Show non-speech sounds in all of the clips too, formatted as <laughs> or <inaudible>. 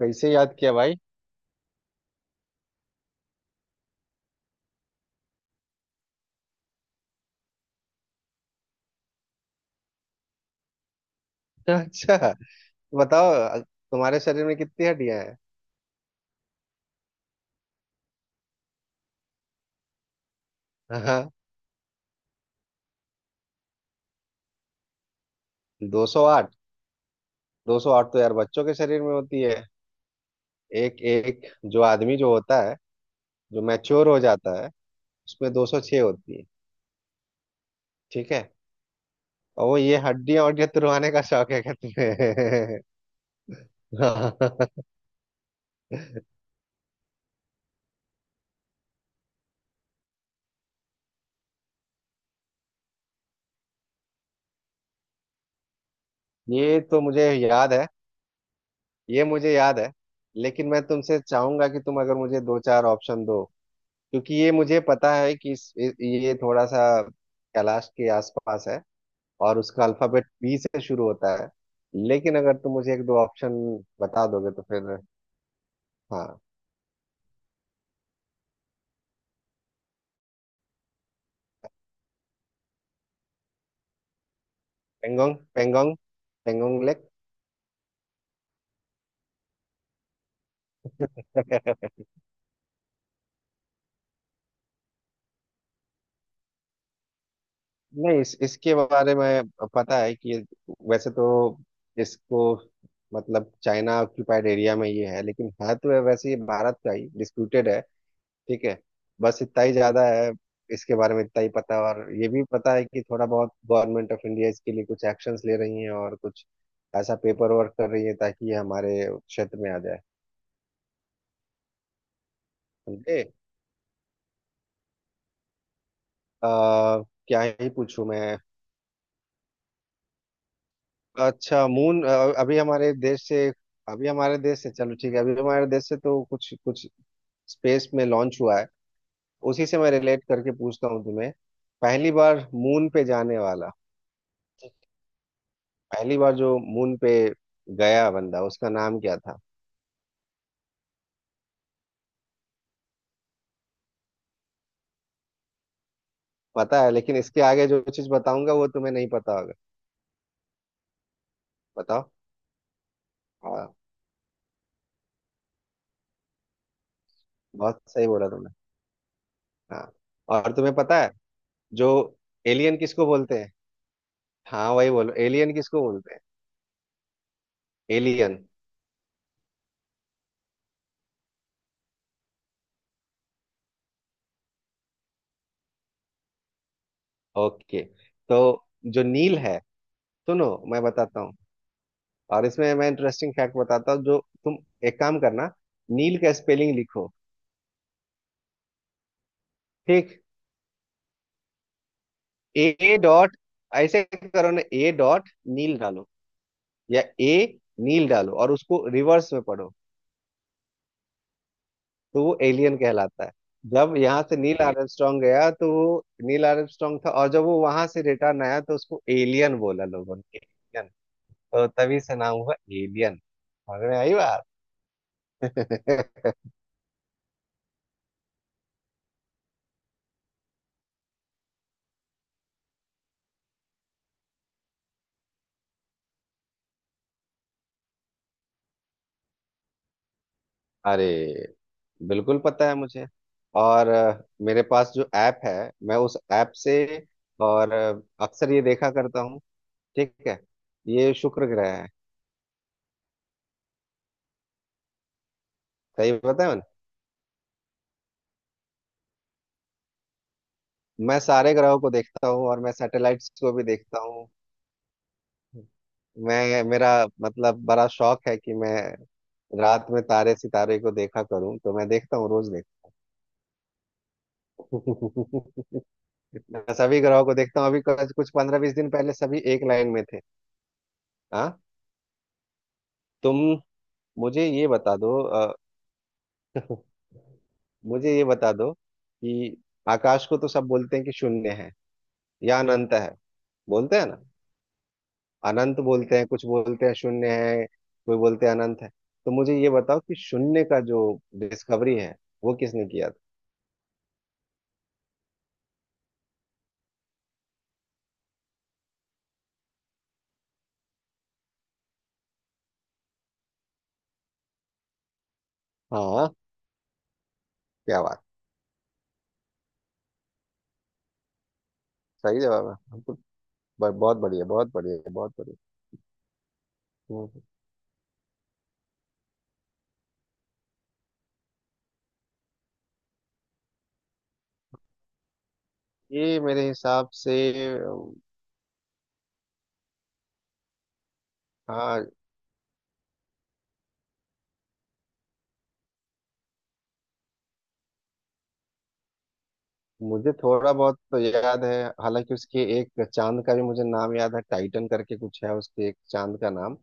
कैसे याद किया भाई। <laughs> अच्छा, बताओ तुम्हारे शरीर में कितनी हड्डियां हैं। हाँ। दो सौ आठ। दो सौ आठ तो यार बच्चों के शरीर में होती है। एक एक। जो आदमी जो होता है, जो मैच्योर हो जाता है उसमें दो सौ छह होती है। ठीक है। और वो ये हड्डियां वड्डियां तुड़वाने का शौक है क्या तुम्हें? <laughs> हाँ। ये तो मुझे याद है। ये मुझे याद है, लेकिन मैं तुमसे चाहूंगा कि तुम अगर मुझे दो चार ऑप्शन दो, क्योंकि ये मुझे पता है कि ये थोड़ा सा कैलाश के आसपास है, और उसका अल्फाबेट बी से शुरू होता है। लेकिन अगर तुम मुझे एक दो ऑप्शन बता दोगे तो फिर। हाँ। पेंगोंग पेंगोंग पेंगोंग लेक। <laughs> नहीं, इसके बारे में पता है कि वैसे तो इसको, मतलब, चाइना ऑक्यूपाइड एरिया में ये है, लेकिन है तो वैसे ये भारत का ही डिस्प्यूटेड है। ठीक है। बस इतना ही ज्यादा है, इसके बारे में इतना ही पता है, और ये भी पता है कि थोड़ा बहुत गवर्नमेंट ऑफ इंडिया इसके लिए कुछ एक्शंस ले रही है और कुछ ऐसा पेपर वर्क कर रही है ताकि ये हमारे क्षेत्र में आ जाए। समझे। अ, क्या ही पूछूं मैं। अच्छा, अभी हमारे देश से अभी हमारे देश से, चलो ठीक है, अभी हमारे देश से तो कुछ कुछ स्पेस में लॉन्च हुआ है। उसी से मैं रिलेट करके पूछता हूँ तुम्हें। पहली बार मून पे जाने वाला पहली बार जो मून पे गया बंदा उसका नाम क्या था? पता है, लेकिन इसके आगे जो चीज बताऊंगा वो तुम्हें नहीं पता होगा। बताओ। हाँ, हाँ। बहुत सही बोला तुमने। हाँ। और तुम्हें पता है जो एलियन किसको बोलते हैं? हाँ, वही बोलो, एलियन किसको बोलते हैं? एलियन। ओके, तो जो नील है, सुनो, मैं बताता हूँ। और इसमें मैं इंटरेस्टिंग फैक्ट बताता हूँ। जो तुम, एक काम करना, नील का स्पेलिंग लिखो। ठीक। ए डॉट ऐसे करो ना, ए डॉट, नील डालो, या ए नील डालो, और उसको रिवर्स में पढ़ो। तो वो एलियन कहलाता है। जब यहाँ से नील आर्मस्ट्रांग गया तो वो नील आर्मस्ट्रांग था, और जब वो वहां से रिटर्न आया तो उसको एलियन बोला लोगों ने, एलियन। तो तभी से नाम हुआ एलियन। समझ में आई बात? <laughs> अरे, बिल्कुल पता है मुझे। और मेरे पास जो ऐप है, मैं उस ऐप से, और अक्सर ये देखा करता हूँ। ठीक है, ये शुक्र ग्रह है। सही बताया। मैं सारे ग्रहों को देखता हूँ, और मैं सैटेलाइट्स को भी देखता हूँ। मैं मेरा मतलब बड़ा शौक है कि मैं रात में तारे सितारे को देखा करूं, तो मैं देखता हूँ, रोज देखता हूँ। <laughs> मैं सभी ग्रहों को देखता हूँ। अभी कुछ कुछ पंद्रह बीस दिन पहले सभी एक लाइन में थे। हाँ। तुम मुझे ये बता दो <laughs> मुझे ये बता दो कि आकाश को तो सब बोलते हैं कि शून्य है या अनंत है। बोलते हैं ना। अनंत बोलते हैं, कुछ बोलते हैं शून्य है, कोई बोलते हैं अनंत है। तो मुझे ये बताओ कि शून्य का जो डिस्कवरी है वो किसने किया था? हाँ। क्या बात, सही जवाब है हमको। बहुत बढ़िया, बहुत बढ़िया, बहुत बढ़िया। हम्म, ये मेरे हिसाब से अम, हाँ। मुझे थोड़ा बहुत तो याद है, हालांकि उसके एक चांद का भी मुझे नाम याद है, टाइटन करके कुछ है उसके एक चांद का नाम।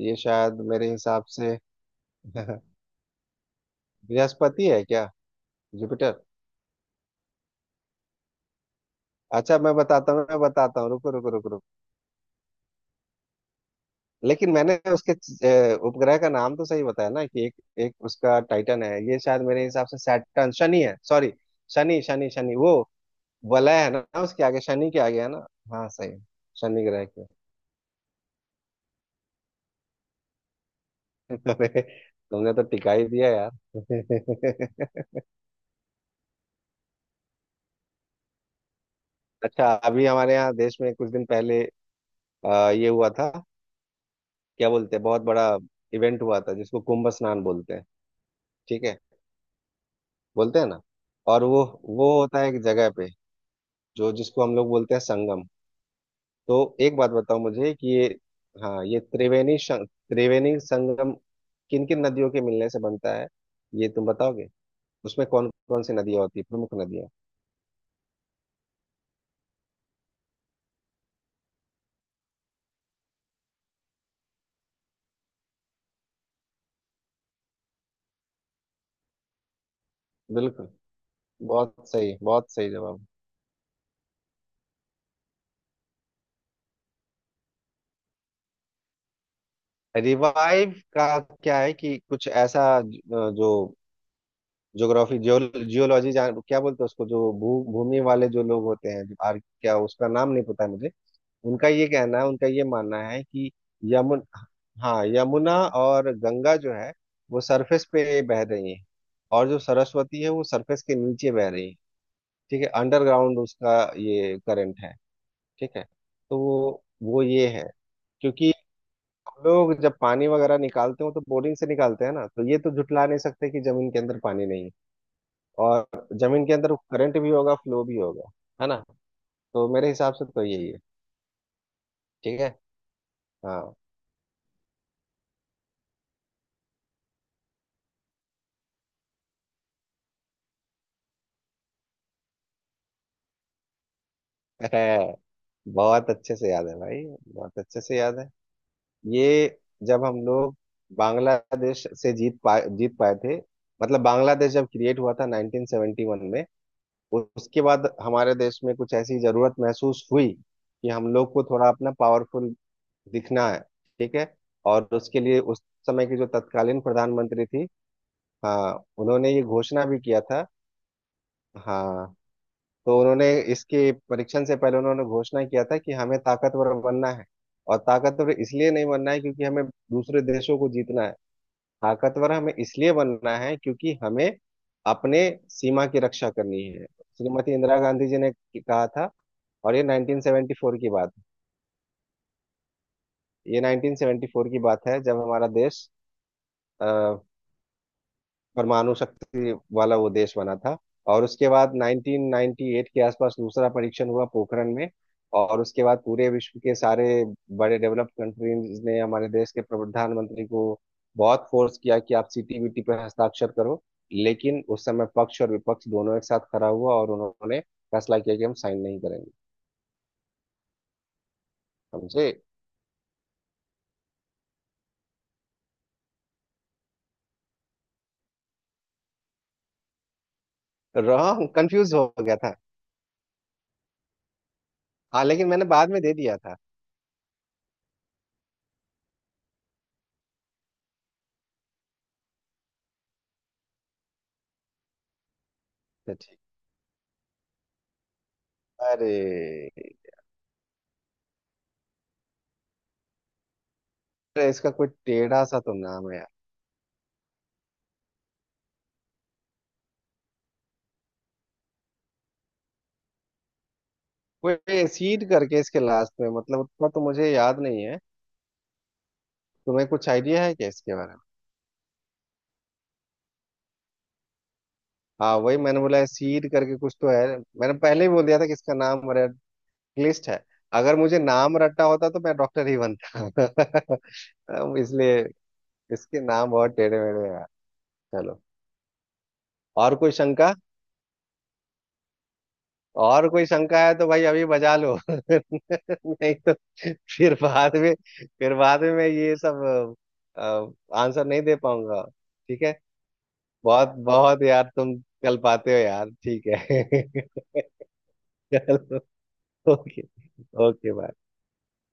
ये शायद मेरे हिसाब से <laughs> बृहस्पति है क्या? जुपिटर। अच्छा, मैं बताता हूँ, मैं बताता हूँ, रुको रुको रुको। लेकिन मैंने उसके उपग्रह का नाम तो सही बताया ना, कि एक एक उसका टाइटन है, ये शायद मेरे हिसाब से सैटर्न, शनि है, सॉरी। शनि शनि शनि, वो वलय है ना उसके आगे, शनि के आगे है ना? हाँ, सही है। शनि ग्रह के। अरे, तुमने तो टिका ही दिया यार। <laughs> अच्छा, अभी हमारे यहाँ देश में कुछ दिन पहले ये हुआ था, क्या बोलते हैं, बहुत बड़ा इवेंट हुआ था जिसको कुंभ स्नान बोलते हैं। ठीक है। बोलते हैं ना। और वो होता है एक जगह पे जो जिसको हम लोग बोलते हैं संगम। तो एक बात बताओ मुझे कि ये, हाँ, ये त्रिवेणी त्रिवेणी संगम किन किन नदियों के मिलने से बनता है? ये तुम बताओगे उसमें कौन कौन सी नदियां होती है, प्रमुख नदियां? बिल्कुल, बहुत सही, बहुत सही जवाब। रिवाइव का क्या है कि कुछ ऐसा जो ज्योग्राफी जियोलॉजी जान क्या बोलते हैं उसको, जो भू भूमि वाले जो लोग होते हैं, क्या उसका नाम नहीं पता है मुझे। उनका ये कहना है, उनका ये मानना है कि यमुन हाँ, यमुना और गंगा जो है वो सरफेस पे बह रही है, और जो सरस्वती है वो सरफेस के नीचे बह रही है, ठीक है, अंडरग्राउंड उसका, ये करंट है। ठीक है, तो वो ये है, क्योंकि हम लोग जब पानी वगैरह निकालते हो तो बोरिंग से निकालते हैं ना, तो ये तो झुटला नहीं सकते कि जमीन के अंदर पानी नहीं है, और जमीन के अंदर करंट भी होगा, फ्लो भी होगा, है ना? तो मेरे हिसाब से तो यही है। ठीक है। हाँ। <laughs> है। बहुत अच्छे से याद है भाई, बहुत अच्छे से याद है। ये, जब हम लोग बांग्लादेश से जीत पाए थे, मतलब बांग्लादेश जब क्रिएट हुआ था 1971 में, उसके बाद हमारे देश में कुछ ऐसी जरूरत महसूस हुई, कि हम लोग को थोड़ा अपना पावरफुल दिखना है, ठीक है। और उसके लिए उस समय की जो तत्कालीन प्रधानमंत्री थी, हाँ, उन्होंने ये घोषणा भी किया था। हाँ, तो उन्होंने इसके परीक्षण से पहले उन्होंने घोषणा किया था कि हमें ताकतवर बनना है, और ताकतवर इसलिए नहीं बनना है क्योंकि हमें दूसरे देशों को जीतना है, ताकतवर हमें इसलिए बनना है क्योंकि हमें अपने सीमा की रक्षा करनी है। श्रीमती इंदिरा गांधी जी ने कहा था, और ये 1974 की बात है। ये 1974 की बात है जब हमारा देश परमाणु शक्ति वाला वो देश बना था, और उसके बाद 1998 के आसपास दूसरा परीक्षण हुआ पोखरण में। और उसके बाद पूरे विश्व के सारे बड़े डेवलप्ड कंट्रीज ने हमारे देश के प्रधानमंत्री को बहुत फोर्स किया कि आप सीटीबीटी पर हस्ताक्षर करो, लेकिन उस समय पक्ष और विपक्ष दोनों एक साथ खड़ा हुआ और उन्होंने फैसला किया कि हम साइन नहीं करेंगे। समझे। रॉन्ग, कंफ्यूज हो गया था। हाँ, लेकिन मैंने बाद में दे दिया था। तो ठीक। अरे। अरे, इसका कोई टेढ़ा सा तो नाम है। वो एसीड करके इसके लास्ट में, मतलब, उतना तो मुझे याद नहीं है। तुम्हें कुछ आइडिया है क्या इसके बारे में? हाँ, वही मैंने बोला, एसीड करके कुछ तो है, मैंने पहले ही बोल दिया था कि इसका नाम रेड लिस्ट है। अगर मुझे नाम रट्टा होता तो मैं डॉक्टर ही बनता। <laughs> इसलिए इसके नाम बहुत टेढ़े मेढ़े हैं यार। चलो, और कोई शंका? और कोई शंका है तो भाई अभी बजा लो। <laughs> नहीं तो फिर बाद में फिर बाद में मैं ये सब आंसर नहीं दे पाऊंगा। ठीक है। बहुत बहुत यार तुम, कल पाते हो यार, ठीक है। <laughs> चलो। ओके। Okay, bye.